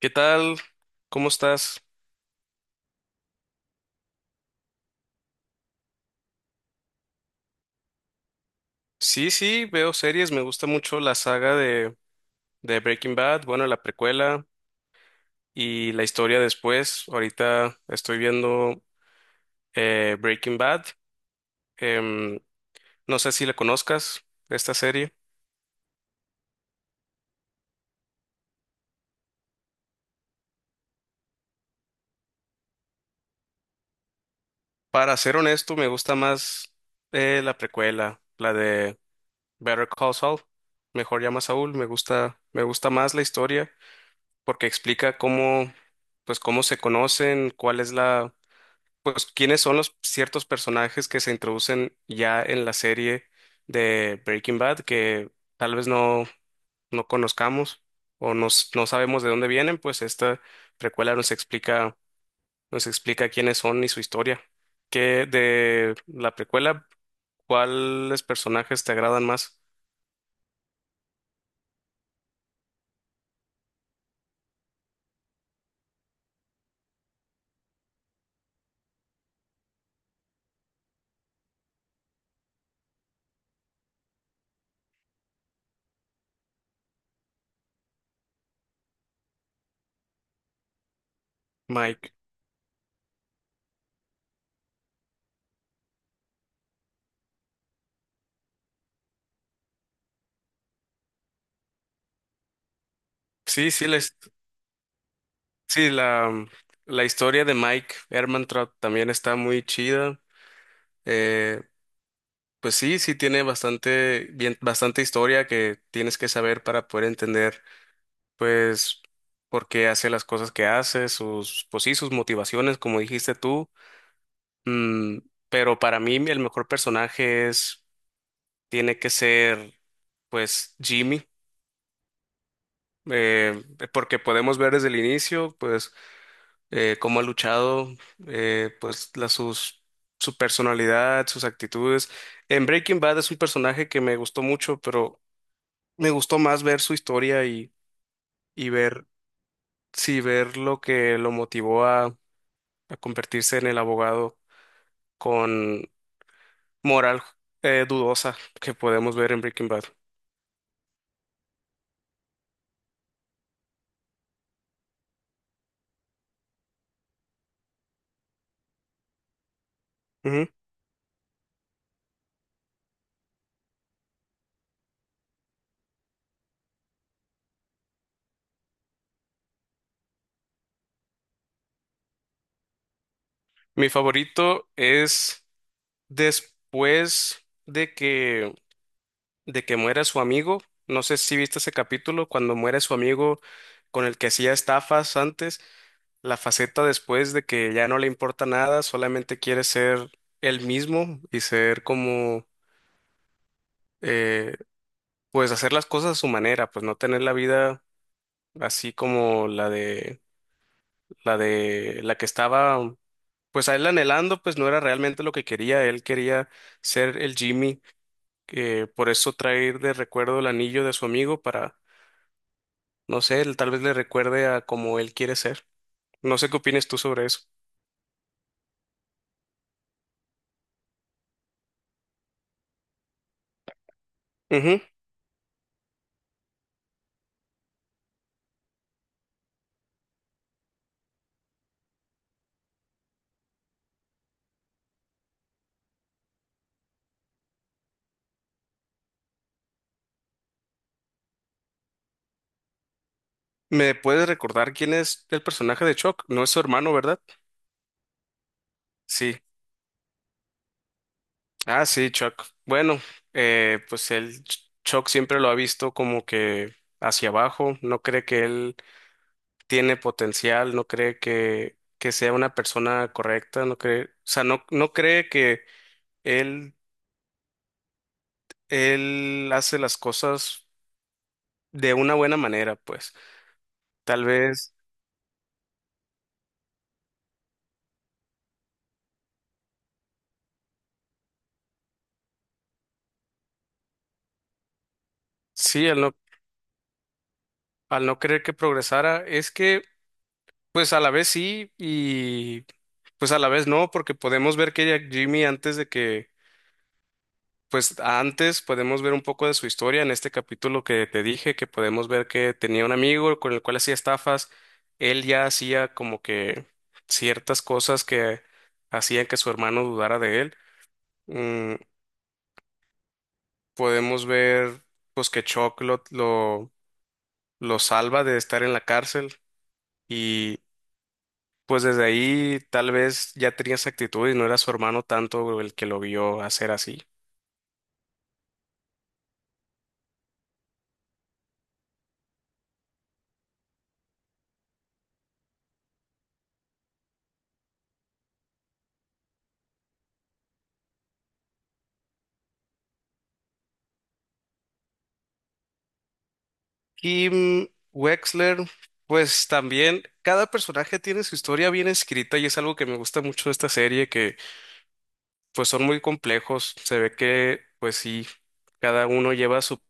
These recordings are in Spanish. ¿Qué tal? ¿Cómo estás? Sí, sí, veo series, me gusta mucho la saga de Breaking Bad, bueno, la precuela y la historia después. Ahorita estoy viendo Breaking Bad, em, no sé si la conozcas, esta serie. Para ser honesto, me gusta más la precuela, la de Better Call Saul, mejor llama a Saúl, me gusta más la historia porque explica cómo, pues cómo se conocen, cuál es la pues quiénes son los ciertos personajes que se introducen ya en la serie de Breaking Bad que tal vez no conozcamos o no sabemos de dónde vienen, pues esta precuela nos explica quiénes son y su historia. ¿Qué de la precuela, cuáles personajes te agradan más, Mike? Sí, sí, sí, la historia de Mike Ehrmantraut también está muy chida. eh, Pues sí, sí tiene bastante, bien, bastante historia que tienes que saber para poder entender, pues, por qué hace las cosas que hace, sus, pues sí, sus motivaciones, como dijiste tú. Mm, pero para mí el mejor personaje es, tiene que ser, pues, Jimmy, eh, porque podemos ver desde el inicio, pues, cómo ha luchado, pues, su personalidad, sus actitudes. En Breaking Bad es un personaje que me gustó mucho, pero me gustó más ver su historia y ver, sí, ver lo que lo motivó a convertirse en el abogado con moral dudosa que podemos ver en Breaking Bad. Ujú. Mi favorito es después de que muera su amigo. No sé si viste ese capítulo, cuando muere su amigo con el que hacía estafas antes, la faceta después de que ya no le importa nada, solamente quiere ser él mismo y ser como eh, pues hacer las cosas a su manera, pues no tener la vida así como la de la que estaba, pues a él anhelando, pues no era realmente lo que quería, él quería ser el Jimmy, que por eso traer de recuerdo el anillo de su amigo para, no sé, él tal vez le recuerde a como él quiere ser. No sé qué opinas tú sobre eso. Ujú. ¿Me puedes recordar quién es el personaje de Chuck? No es su hermano, ¿verdad? Sí. Ah, sí, Chuck. Bueno, pues el Chuck siempre lo ha visto como que hacia abajo, no cree que él tiene potencial, no cree que sea una persona correcta, no cree, o sea, no cree que él, él hace las cosas de una buena manera, pues. Tal vez, sí, al no querer que progresara, es que, pues a la vez sí y pues a la vez no, porque podemos ver que ya Jimmy antes de que. Pues antes podemos ver un poco de su historia en este capítulo que te dije, que podemos ver que tenía un amigo con el cual hacía estafas. Él ya hacía como que ciertas cosas que hacían que su hermano dudara de él. Mm, podemos ver pues que Chuck lo salva de estar en la cárcel y pues desde ahí tal vez ya tenía esa actitud y no era su hermano tanto el que lo vio hacer así. Kim Wexler, pues también cada personaje tiene su historia bien escrita y es algo que me gusta mucho de esta serie, que pues son muy complejos, se ve que pues sí, cada uno lleva su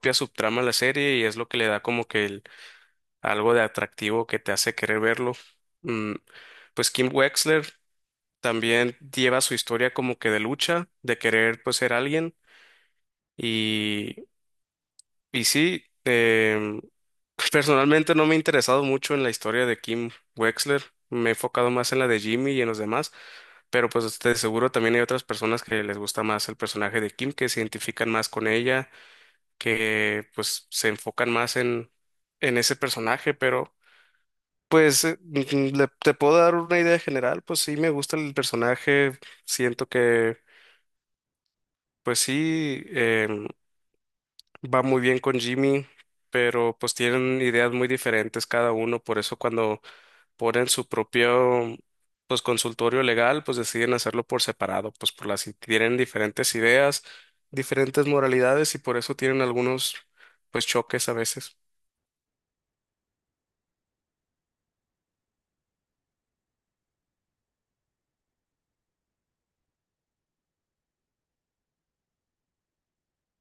propia subtrama a la serie y es lo que le da como que algo de atractivo que te hace querer verlo. Mm, pues Kim Wexler también lleva su historia como que de lucha, de querer pues ser alguien. Y sí, personalmente no me he interesado mucho en la historia de Kim Wexler. Me he enfocado más en la de Jimmy y en los demás, pero pues de seguro también hay otras personas que les gusta más el personaje de Kim, que se identifican más con ella, que pues se enfocan más en ese personaje, pero pues te puedo dar una idea general, pues sí me gusta el personaje, siento que pues sí, va muy bien con Jimmy, pero pues tienen ideas muy diferentes cada uno, por eso cuando ponen su propio pues consultorio legal, pues deciden hacerlo por separado, pues por las tienen diferentes ideas, diferentes moralidades y por eso tienen algunos pues choques a veces.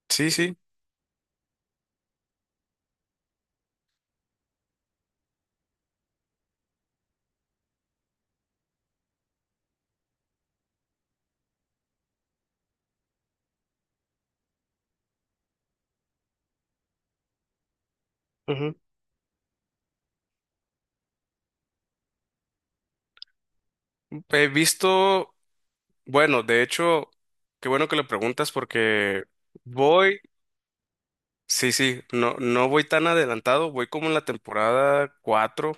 Sí, sí. Ujú. He visto, bueno, de hecho, qué bueno que le preguntas porque voy, sí, sí, no, no voy tan adelantado, voy como en la temporada 4.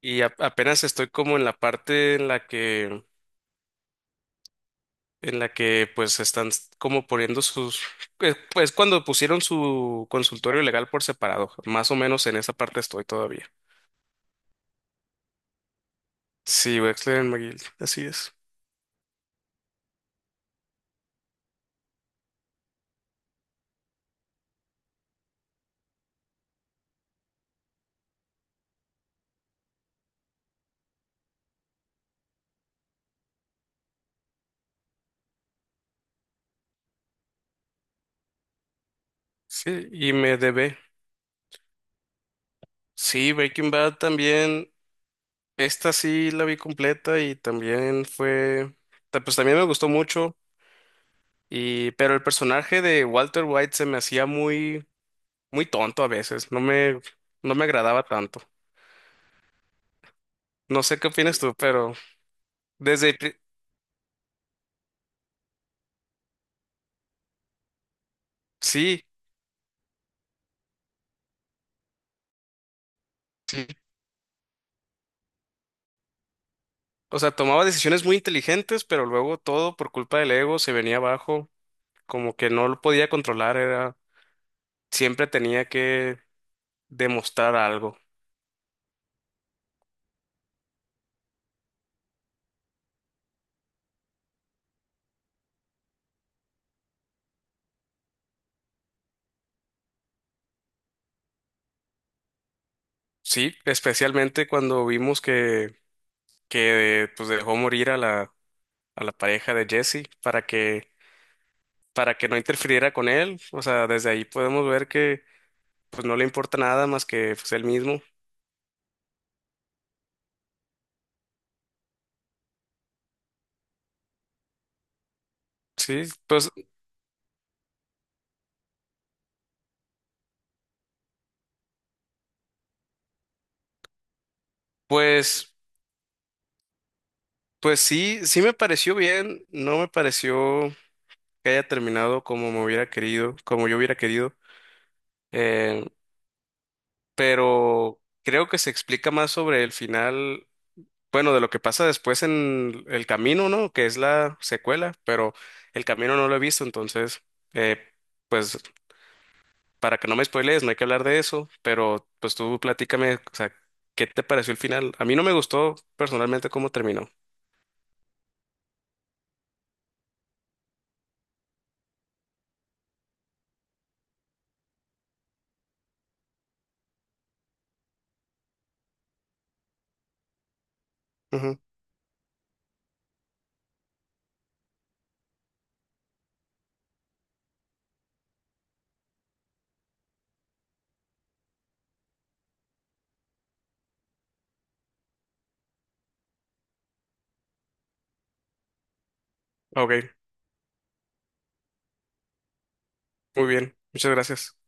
Y apenas estoy como en la parte en la que, pues están como poniendo sus, es cuando pusieron su consultorio legal por separado, más o menos en esa parte estoy todavía. Sí, Wexler and McGill, así es. Sí, y me debe. Sí, Breaking Bad también, esta sí la vi completa y también fue, pues también me gustó mucho, y, pero el personaje de Walter White se me hacía muy, muy tonto a veces, no me, agradaba tanto. No sé qué opinas tú, pero desde... el pri- Sí, sí. O sea, tomaba decisiones muy inteligentes, pero luego todo por culpa del ego se venía abajo, como que no lo podía controlar, siempre tenía que demostrar algo. Sí, especialmente cuando vimos que, que pues dejó morir a la, pareja de Jesse para que no interfiriera con él. O sea, desde ahí podemos ver que pues no le importa nada más que pues, él mismo. Sí, pues, pues. Pues sí, sí me pareció bien, no me pareció que haya terminado como me hubiera querido, como yo hubiera querido, eh, pero creo que se explica más sobre el final, bueno, de lo que pasa después en el camino, ¿no? Que es la secuela, pero el camino no lo he visto, entonces, eh, pues para que no me spoilees, no hay que hablar de eso, pero pues tú platícame, o sea, ¿qué te pareció el final? A mí no me gustó personalmente cómo terminó. Ujú. Ok, muy bien, muchas gracias.